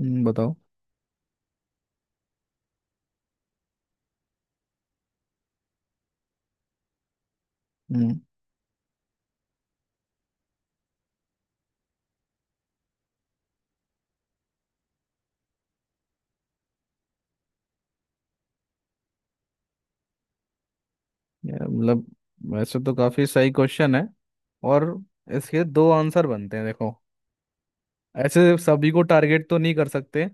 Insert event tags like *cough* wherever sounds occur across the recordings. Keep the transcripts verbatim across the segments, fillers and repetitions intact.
हम्म। बताओ। हम्म यार, मतलब वैसे तो काफी सही क्वेश्चन है। और इसके दो आंसर बनते हैं, देखो। ऐसे सभी को टारगेट तो नहीं कर सकते।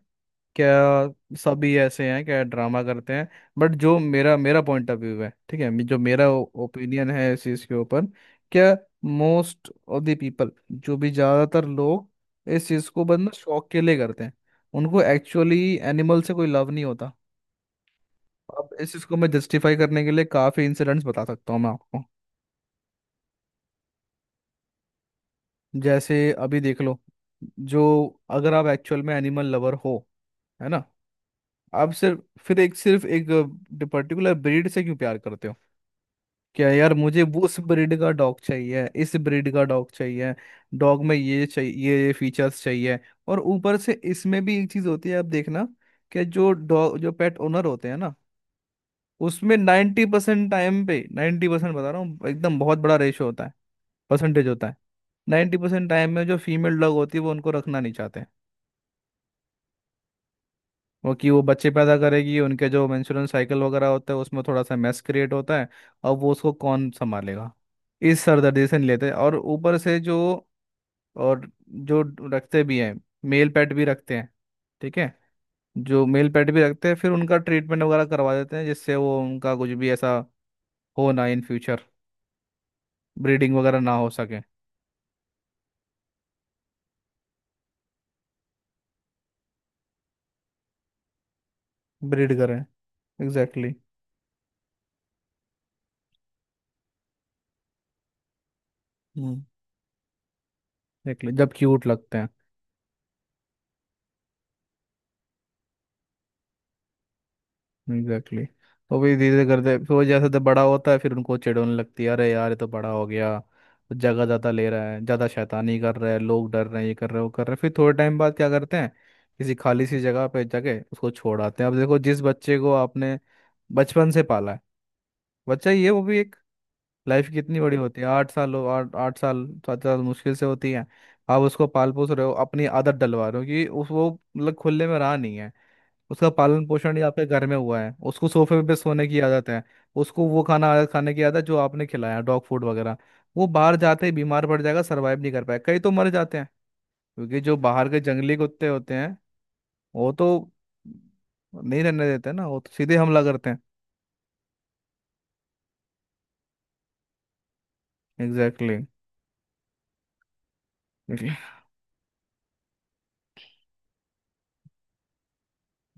क्या सभी ऐसे हैं? क्या ड्रामा करते हैं? बट जो मेरा मेरा पॉइंट ऑफ व्यू है, ठीक है, जो मेरा ओपिनियन है इस चीज के ऊपर। क्या? मोस्ट ऑफ द पीपल, जो भी ज्यादातर लोग इस चीज को बंद शौक के लिए करते हैं, उनको एक्चुअली एनिमल से कोई लव नहीं होता। अब इस इसको मैं जस्टिफाई करने के लिए काफ़ी इंसिडेंट्स बता सकता हूँ, मैं आपको। जैसे अभी देख लो। जो, अगर आप एक्चुअल में एनिमल लवर हो, है ना, आप सिर्फ फिर एक, सिर्फ एक पर्टिकुलर ब्रीड से क्यों प्यार करते हो? क्या यार, मुझे वो उस ब्रीड का डॉग चाहिए, इस ब्रीड का डॉग चाहिए, डॉग में ये चाहिए, ये फीचर्स चाहिए। और ऊपर से इसमें भी एक चीज़ होती है, आप देखना, कि जो डॉग, जो पेट ओनर होते हैं ना, उसमें नाइन्टी परसेंट टाइम पे, नाइन्टी परसेंट बता रहा हूँ, एकदम बहुत बड़ा रेशो होता है, परसेंटेज होता है। नाइन्टी परसेंट टाइम में जो फीमेल डॉग होती है, वो उनको रखना नहीं चाहते हैं। वो कि वो बच्चे पैदा करेगी, उनके जो मेंस्ट्रुअल साइकिल वगैरह होता है, उसमें थोड़ा सा मेस क्रिएट होता है, और वो उसको कौन संभालेगा? इस सरदर्दी से नहीं लेते, और ऊपर से जो, और जो रखते भी हैं, मेल पेट भी रखते हैं, ठीक है, जो मेल पेट भी रखते हैं फिर उनका ट्रीटमेंट वगैरह करवा देते हैं, जिससे वो, उनका कुछ भी ऐसा हो ना इन फ्यूचर, ब्रीडिंग वगैरह ना हो सके। ब्रीड करें। Exactly exactly। हम्म। एग्जैक्टली, जब क्यूट लगते हैं। Exactly exactly। तो वही धीरे धीरे करते, फिर वो जैसे जब बड़ा होता है फिर उनको चिढ़ होने लगती है, अरे यार, ये तो बड़ा हो गया, जगह ज़्यादा ले रहा है, ज़्यादा शैतानी कर रहा है, लोग डर रहे हैं, ये कर रहे हैं, वो कर रहे हैं। फिर थोड़े टाइम बाद क्या करते हैं, किसी खाली सी जगह पे जाके उसको छोड़ आते हैं। अब देखो, जिस बच्चे को आपने बचपन से पाला है, बच्चा, ये वो भी एक, लाइफ कितनी बड़ी होती है, आठ साल हो, आठ आठ साल, सात साल मुश्किल से होती है। आप उसको पाल पोस रहे हो, अपनी आदत डलवा रहे हो, कि उस वो, मतलब खुले में रहा नहीं है, उसका पालन पोषण ही आपके घर में हुआ है, उसको सोफे पे सोने की आदत है, उसको वो खाना आदत, खाने की आदत, जो आपने खिलाया डॉग फूड वगैरह, वो बाहर जाते ही बीमार पड़ जाएगा, सर्वाइव नहीं कर पाएगा, कई तो मर जाते हैं। क्योंकि जो बाहर के जंगली कुत्ते होते हैं, वो तो नहीं रहने देते ना, वो तो सीधे हमला करते हैं। Exactly exactly।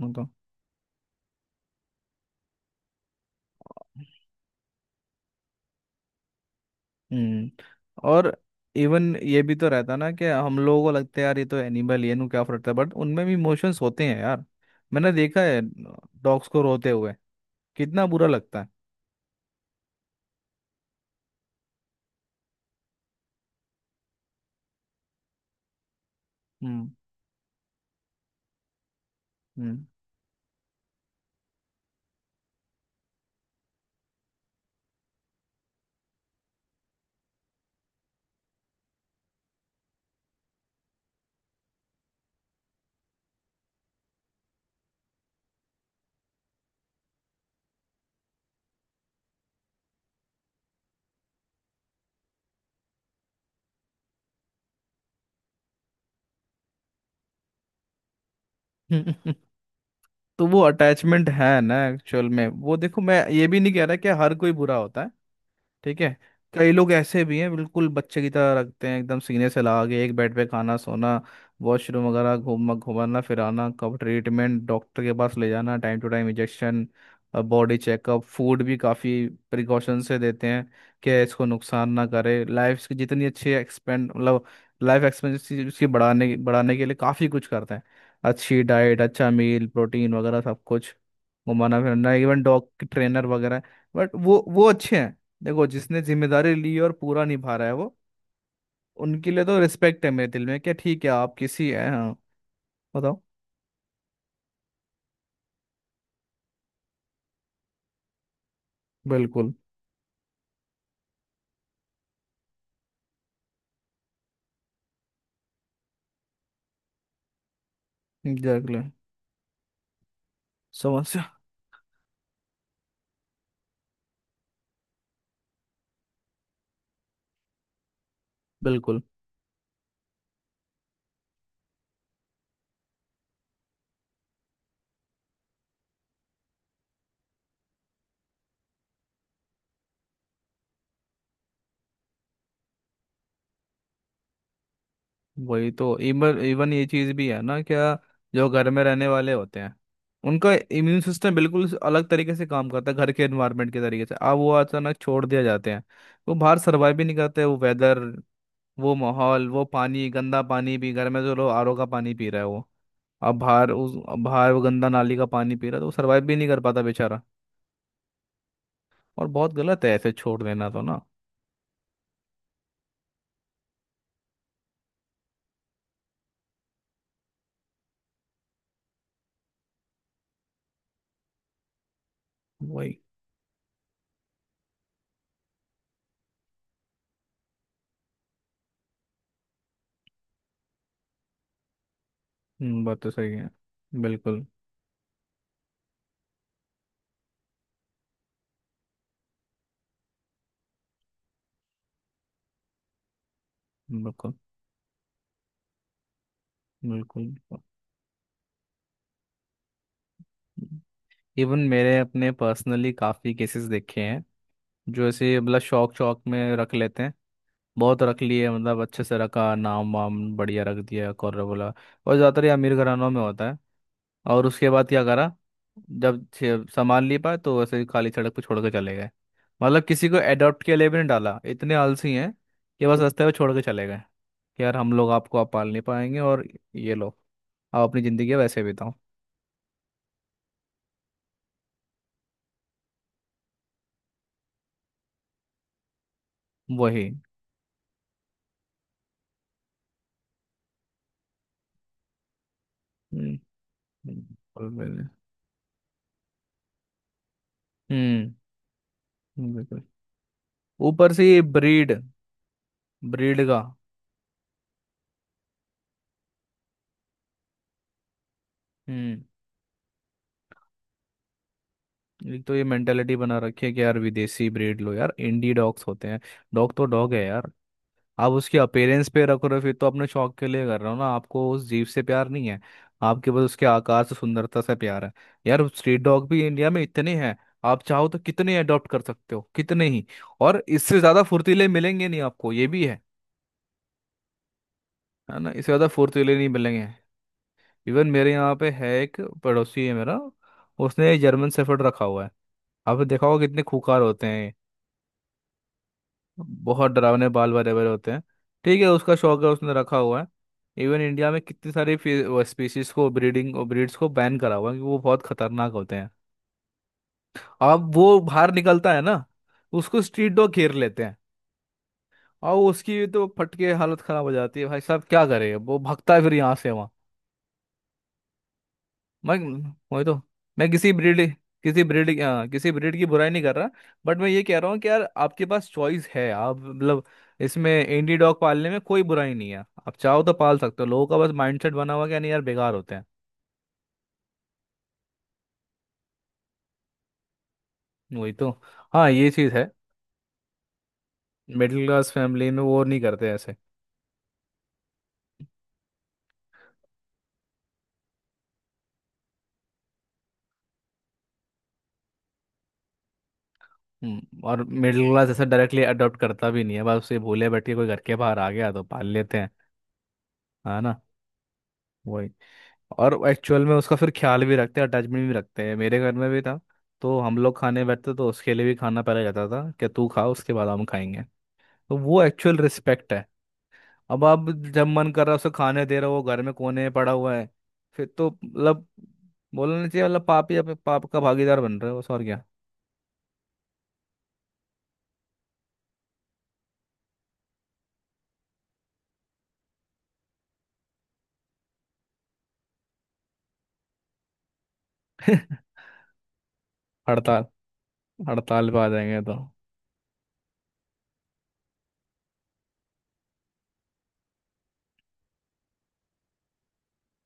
वो तो। हम्म। और इवन ये भी तो रहता ना कि हम लोगों को लगता है यार ये तो एनिमल ही है, इन्हें क्या फर्क है, बट उनमें भी इमोशंस होते हैं यार। मैंने देखा है डॉग्स को रोते हुए। कितना बुरा लगता है। हम्म। हम्म। *laughs* तो वो अटैचमेंट है ना एक्चुअल में, वो देखो, मैं ये भी नहीं कह रहा कि हर कोई बुरा होता है, ठीक है, कई लोग ऐसे भी हैं, बिल्कुल बच्चे की तरह रखते हैं, एकदम सीने से लगा के, एक बेड पे, खाना, सोना, वॉशरूम वगैरह, घूम घुमाना फिराना, कब ट्रीटमेंट, डॉक्टर के पास ले जाना, time to time injection, body checkup, food भी काफ़ी प्रिकॉशन से देते हैं, कि इसको नुकसान ना करे, लाइफ की जितनी अच्छी एक्सपेंड, मतलब लाइफ एक्सपेंसी उसकी बढ़ाने बढ़ाने के लिए काफ़ी कुछ करते हैं, अच्छी डाइट, अच्छा मील प्रोटीन वगैरह सब कुछ, घुमाना फिरना, इवन डॉग ट्रेनर वगैरह। बट वो वो अच्छे हैं। देखो, जिसने जिम्मेदारी ली और पूरा निभा रहा है, वो, उनके लिए तो रिस्पेक्ट है मेरे दिल में, क्या ठीक है, आप किसी हैं, हाँ, बताओ। बिल्कुल। एग्जैक्टली। समस्या। बिल्कुल। वही तो, इवन इवन ये चीज़ भी है ना, क्या, जो घर में रहने वाले होते हैं, उनका इम्यून सिस्टम बिल्कुल अलग तरीके से काम करता है, घर के एनवायरनमेंट के तरीके से। अब वो अचानक छोड़ दिया जाते हैं, वो बाहर सर्वाइव भी नहीं करते, वो वेदर, वो माहौल, वो पानी, गंदा पानी भी, घर में जो लोग आरओ का पानी पी रहा है वो, अब बाहर उस, अब बाहर वो गंदा नाली का पानी पी रहा, तो वो सरवाइव भी नहीं कर पाता बेचारा। और बहुत गलत है ऐसे छोड़ देना तो ना। वही। हम्म, बात तो सही है। बिल्कुल। बिल्कुल। बिल्कुल। इवन मेरे अपने पर्सनली काफ़ी केसेस देखे हैं, जो ऐसे मतलब शौक शौक में रख लेते हैं, बहुत रख लिए मतलब, अच्छे से रखा, नाम वाम बढ़िया रख दिया, कॉर्नर बोला। और ज़्यादातर ये अमीर घरानों में होता है। और उसके बाद क्या करा, जब छे- सामान ले पाए तो ऐसे ही खाली सड़क पर छोड़ के चले गए, मतलब किसी को एडॉप्ट के लिए भी नहीं डाला, इतने आलसी हैं कि बस रास्ते पे छोड़ के चले गए, कि यार हम लोग आपको, आप पाल नहीं पाएंगे, और, ये लो, आप अपनी ज़िंदगी वैसे बिताओ। वही। हम्म। हम्म, बिल्कुल। हम्म, बिल्कुल। ऊपर से ये ब्रीड, ब्रीड का। हम्म। एक तो ये मेंटेलिटी बना रखी है कि यार विदेशी ब्रीड लो, यार इंडी डॉग्स होते हैं, डॉग तो डॉग है यार। आप उसकी अपेरेंस पे रख रहे हो फिर, तो अपने शौक के लिए कर रहे हो ना, आपको उस जीव से प्यार नहीं है, आपके पास उसके आकार से, सुंदरता से प्यार है। यार स्ट्रीट डॉग भी इंडिया में इतने हैं, आप चाहो तो कितने अडॉप्ट कर सकते हो, कितने ही। और इससे ज़्यादा फुर्तीले मिलेंगे नहीं आपको, ये भी है है ना, इससे ज़्यादा फुर्तीले नहीं मिलेंगे। इवन मेरे यहाँ पे है, एक पड़ोसी है मेरा, उसने जर्मन शेफर्ड रखा हुआ है, आपने देखा होगा कितने खूंखार होते हैं। बहुत डरावने, बाल बरे बरे होते हैं। ठीक है, उसका शौक है, उसने रखा हुआ है। इवन इंडिया में कितनी सारी स्पीशीज को, ब्रीडिंग ब्रीड्स को बैन करा हुआ है, क्योंकि वो बहुत खतरनाक होते हैं। अब वो बाहर निकलता है ना, उसको स्ट्रीट डॉग घेर लेते हैं, और उसकी भी तो फटके हालत खराब हो जाती है भाई साहब, क्या करे, वो भगता है फिर यहाँ से वहाँ। मैं, वही तो, मैं किसी ब्रीड किसी ब्रीड किसी ब्रीड की बुराई नहीं कर रहा। बट मैं ये कह रहा हूँ कि यार आपके पास चॉइस है, आप मतलब इसमें इंडी डॉग पालने में कोई बुराई नहीं है, आप चाहो तो पाल सकते हो, लोगों का बस माइंडसेट बना हुआ है कि नहीं यार बेकार होते हैं। वही तो, हाँ ये चीज़ है, मिडिल क्लास फैमिली में वो नहीं करते ऐसे। हम्म, और मिडिल क्लास ऐसे डायरेक्टली अडॉप्ट करता भी नहीं है, बस उसे भूले बैठे कोई घर के बाहर आ गया तो पाल लेते हैं। है ना। वही। और एक्चुअल में उसका फिर ख्याल भी रखते हैं, अटैचमेंट भी रखते हैं, मेरे घर में भी था, तो हम लोग खाने बैठते तो उसके लिए भी खाना पहले जाता था, कि तू खा, उसके बाद हम खाएंगे। तो वो एक्चुअल रिस्पेक्ट है। अब आप, जब मन कर रहा है उसे खाने दे रहे हो, वो घर में कोने में पड़ा हुआ है, फिर तो मतलब, बोलना नहीं चाहिए मतलब, पाप ही, अपने पाप का भागीदार बन रहे हो बस, और क्या। *laughs* हड़ताल, हड़ताल पे आ जाएंगे तो।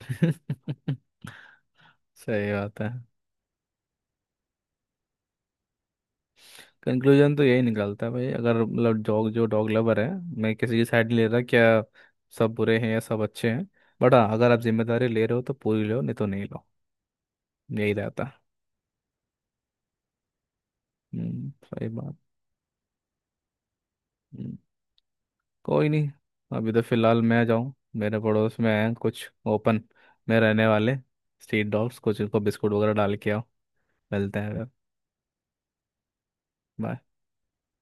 *laughs* सही बात है। कंक्लूजन तो यही निकलता है भाई, अगर मतलब डॉग, जो डॉग लवर है, मैं किसी की साइड नहीं ले रहा, क्या सब बुरे हैं या सब अच्छे हैं, बट हाँ अगर आप जिम्मेदारी ले रहे हो तो पूरी लो, नहीं तो नहीं लो। यही रहता है। हम्म, सही बात। हम्म, कोई नहीं। अभी तो फिलहाल मैं जाऊँ, मेरे पड़ोस में हैं कुछ ओपन में रहने वाले स्ट्रीट डॉग्स, कुछ इनको बिस्कुट वगैरह डाल के आओ। मिलते हैं फिर। Bye।